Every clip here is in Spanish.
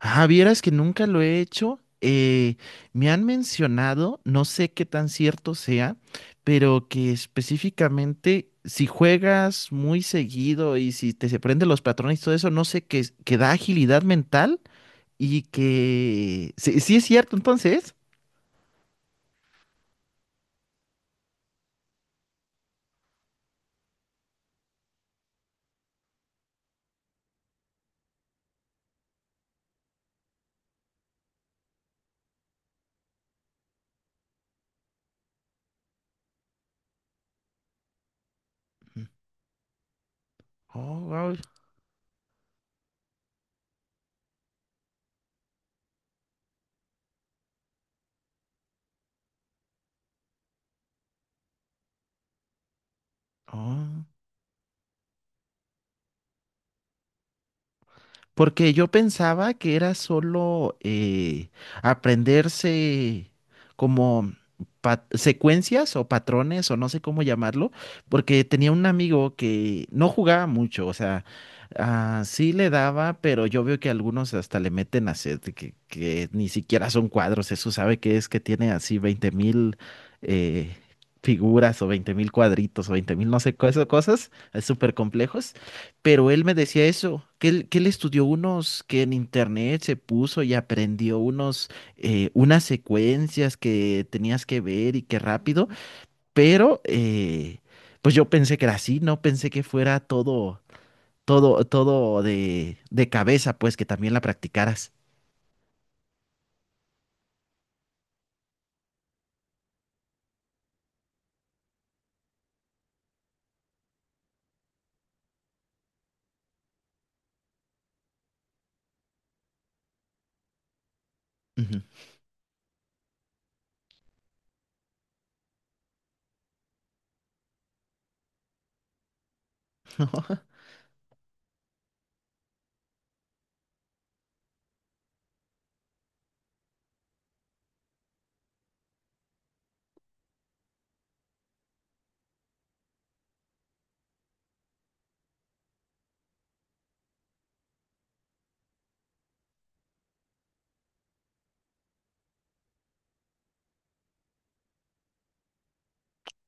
Ah, vieras que nunca lo he hecho. Me han mencionado, no sé qué tan cierto sea, pero que específicamente si juegas muy seguido y si te se prenden los patrones y todo eso, no sé, que, que da agilidad mental y que... Sí, sí es cierto, entonces. Oh, wow. Porque yo pensaba que era solo aprenderse como secuencias o patrones o no sé cómo llamarlo, porque tenía un amigo que no jugaba mucho, o sea, ah, sí le daba, pero yo veo que algunos hasta le meten a set, que ni siquiera son cuadros, eso sabe que es que tiene así 20.000 eh, figuras o 20.000 cuadritos o 20.000 no sé, cosas súper complejos. Pero él me decía eso, que él estudió unos, que en internet se puso y aprendió unas secuencias que tenías que ver y que rápido, pero pues yo pensé que era así, no pensé que fuera todo, todo, todo de, cabeza, pues que también la practicaras. Ujú.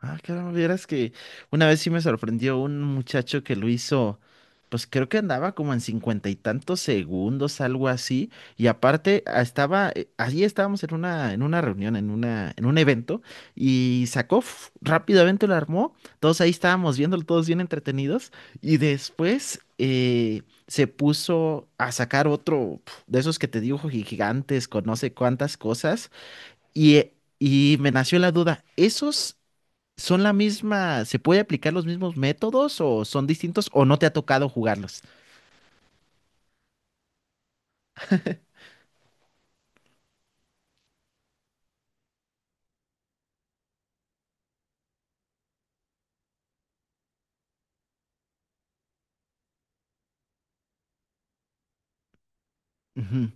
Ah, claro, vieras que una vez sí me sorprendió un muchacho que lo hizo, pues creo que andaba como en cincuenta y tantos segundos, algo así, y aparte ah, allí estábamos en una reunión, en un evento, y sacó, rápidamente lo armó, todos ahí estábamos viéndolo, todos bien entretenidos, y después se puso a sacar otro de esos que te dibujo gigantes con no sé cuántas cosas, y... eh, y me nació la duda. ¿Esos ¿Son la misma? ¿Se puede aplicar los mismos métodos o son distintos o no te ha tocado jugarlos? Ujú.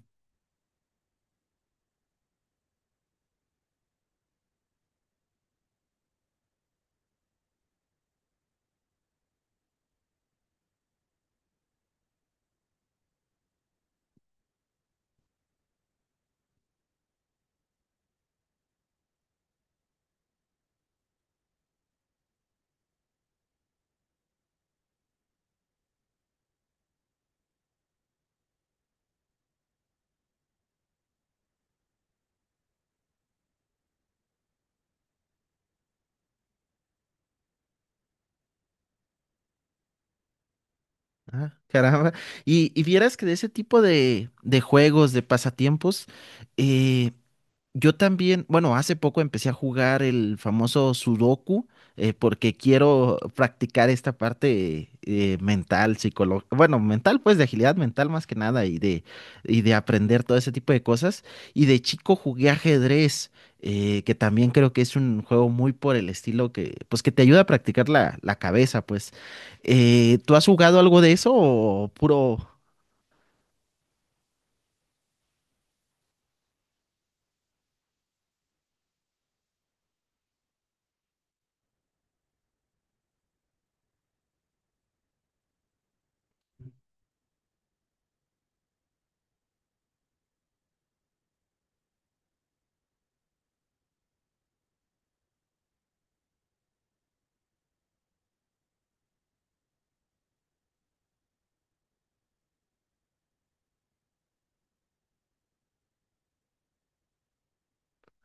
Ah, caramba. Y vieras que de ese tipo de juegos, de pasatiempos, eh, yo también, bueno, hace poco empecé a jugar el famoso Sudoku porque quiero practicar esta parte mental, psicológica, bueno, mental pues de agilidad mental más que nada y de, y de aprender todo ese tipo de cosas. Y de chico jugué ajedrez, que también creo que es un juego muy por el estilo que, pues que te ayuda a practicar la, la cabeza, pues. ¿Tú has jugado algo de eso o puro...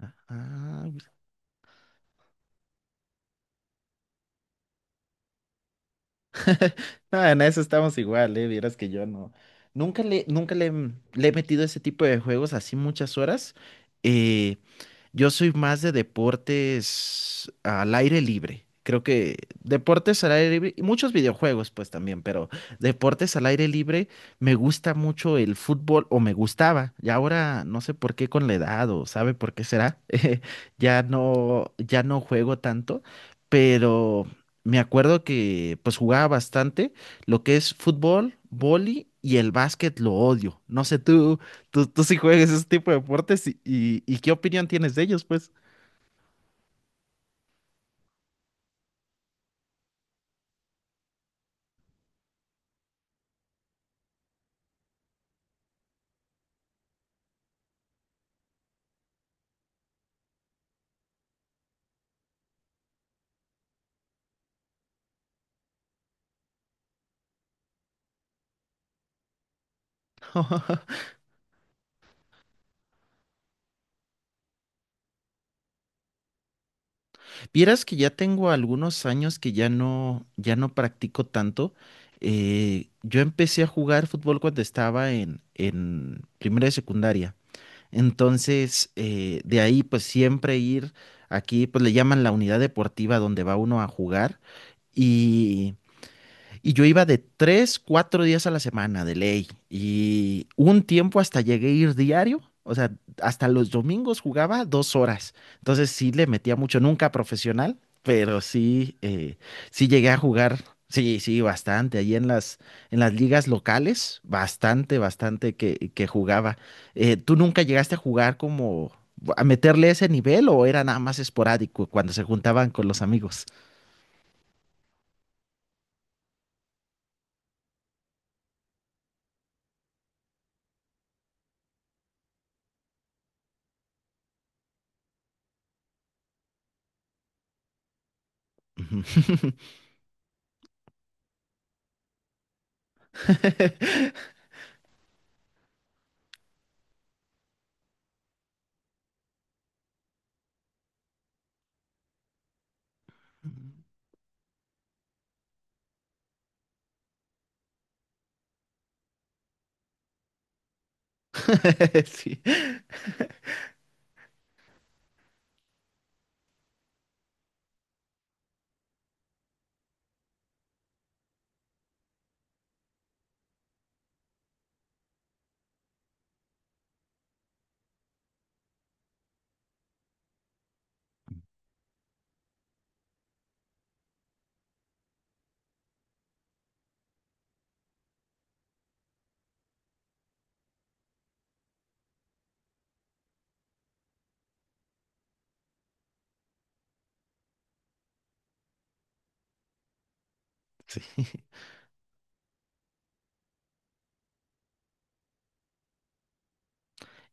Ah, ah, no, en eso estamos igual, ¿eh? Vieras que yo no. Nunca le, le he metido ese tipo de juegos así muchas horas. eh, yo soy más de deportes al aire libre. Creo que deportes al aire libre y muchos videojuegos pues también, pero deportes al aire libre me gusta mucho el fútbol o me gustaba. Y ahora no sé por qué con la edad o sabe por qué será. Ya no ya no juego tanto, pero me acuerdo que pues jugaba bastante lo que es fútbol, vóley y el básquet lo odio. No sé tú. Tú sí juegas ese tipo de deportes y ¿qué opinión tienes de ellos, pues? Vieras que ya tengo algunos años que ya no practico tanto. Yo empecé a jugar fútbol cuando estaba en primera de secundaria. Entonces, de ahí pues siempre ir aquí, pues le llaman la unidad deportiva donde va uno a jugar. Y yo iba de 3, 4 días a la semana de ley. Y un tiempo hasta llegué a ir diario. O sea, hasta los domingos jugaba 2 horas. Entonces sí le metía mucho, nunca profesional, pero sí, sí llegué a jugar. Sí, sí, bastante. Allí en las, ligas locales, bastante, bastante que jugaba. ¿Tú nunca llegaste a jugar como a meterle ese nivel o era nada más esporádico cuando se juntaban con los amigos? Ujú. Sí, sí.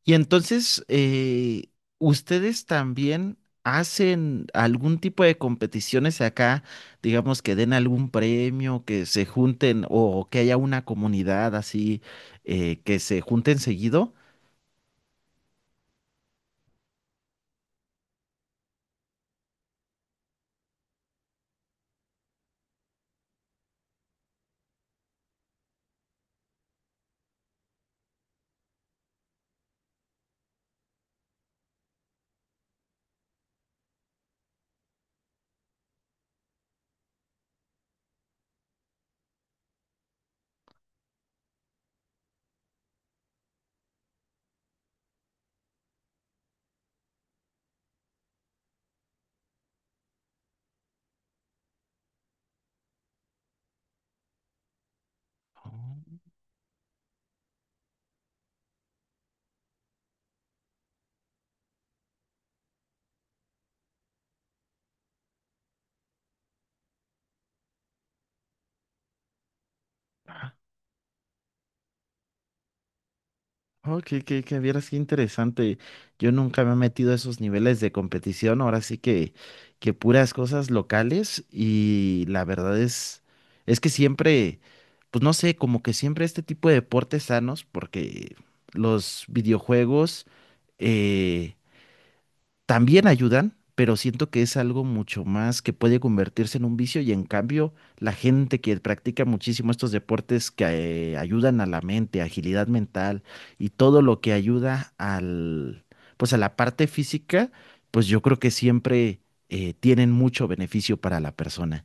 Y entonces, ¿ustedes también hacen algún tipo de competiciones acá? Digamos que den algún premio, que se junten o que haya una comunidad así, que se junten seguido. Oh. Oh, que vieras qué interesante. Yo nunca me he metido a esos niveles de competición. Ahora sí que puras cosas locales. Y la verdad es que siempre, pues no sé, como que siempre este tipo de deportes sanos, porque los videojuegos, eh, también ayudan, pero siento que es algo mucho más que puede convertirse en un vicio y en cambio la gente que practica muchísimo estos deportes que ayudan a la mente, agilidad mental y todo lo que ayuda pues a la parte física, pues yo creo que siempre tienen mucho beneficio para la persona.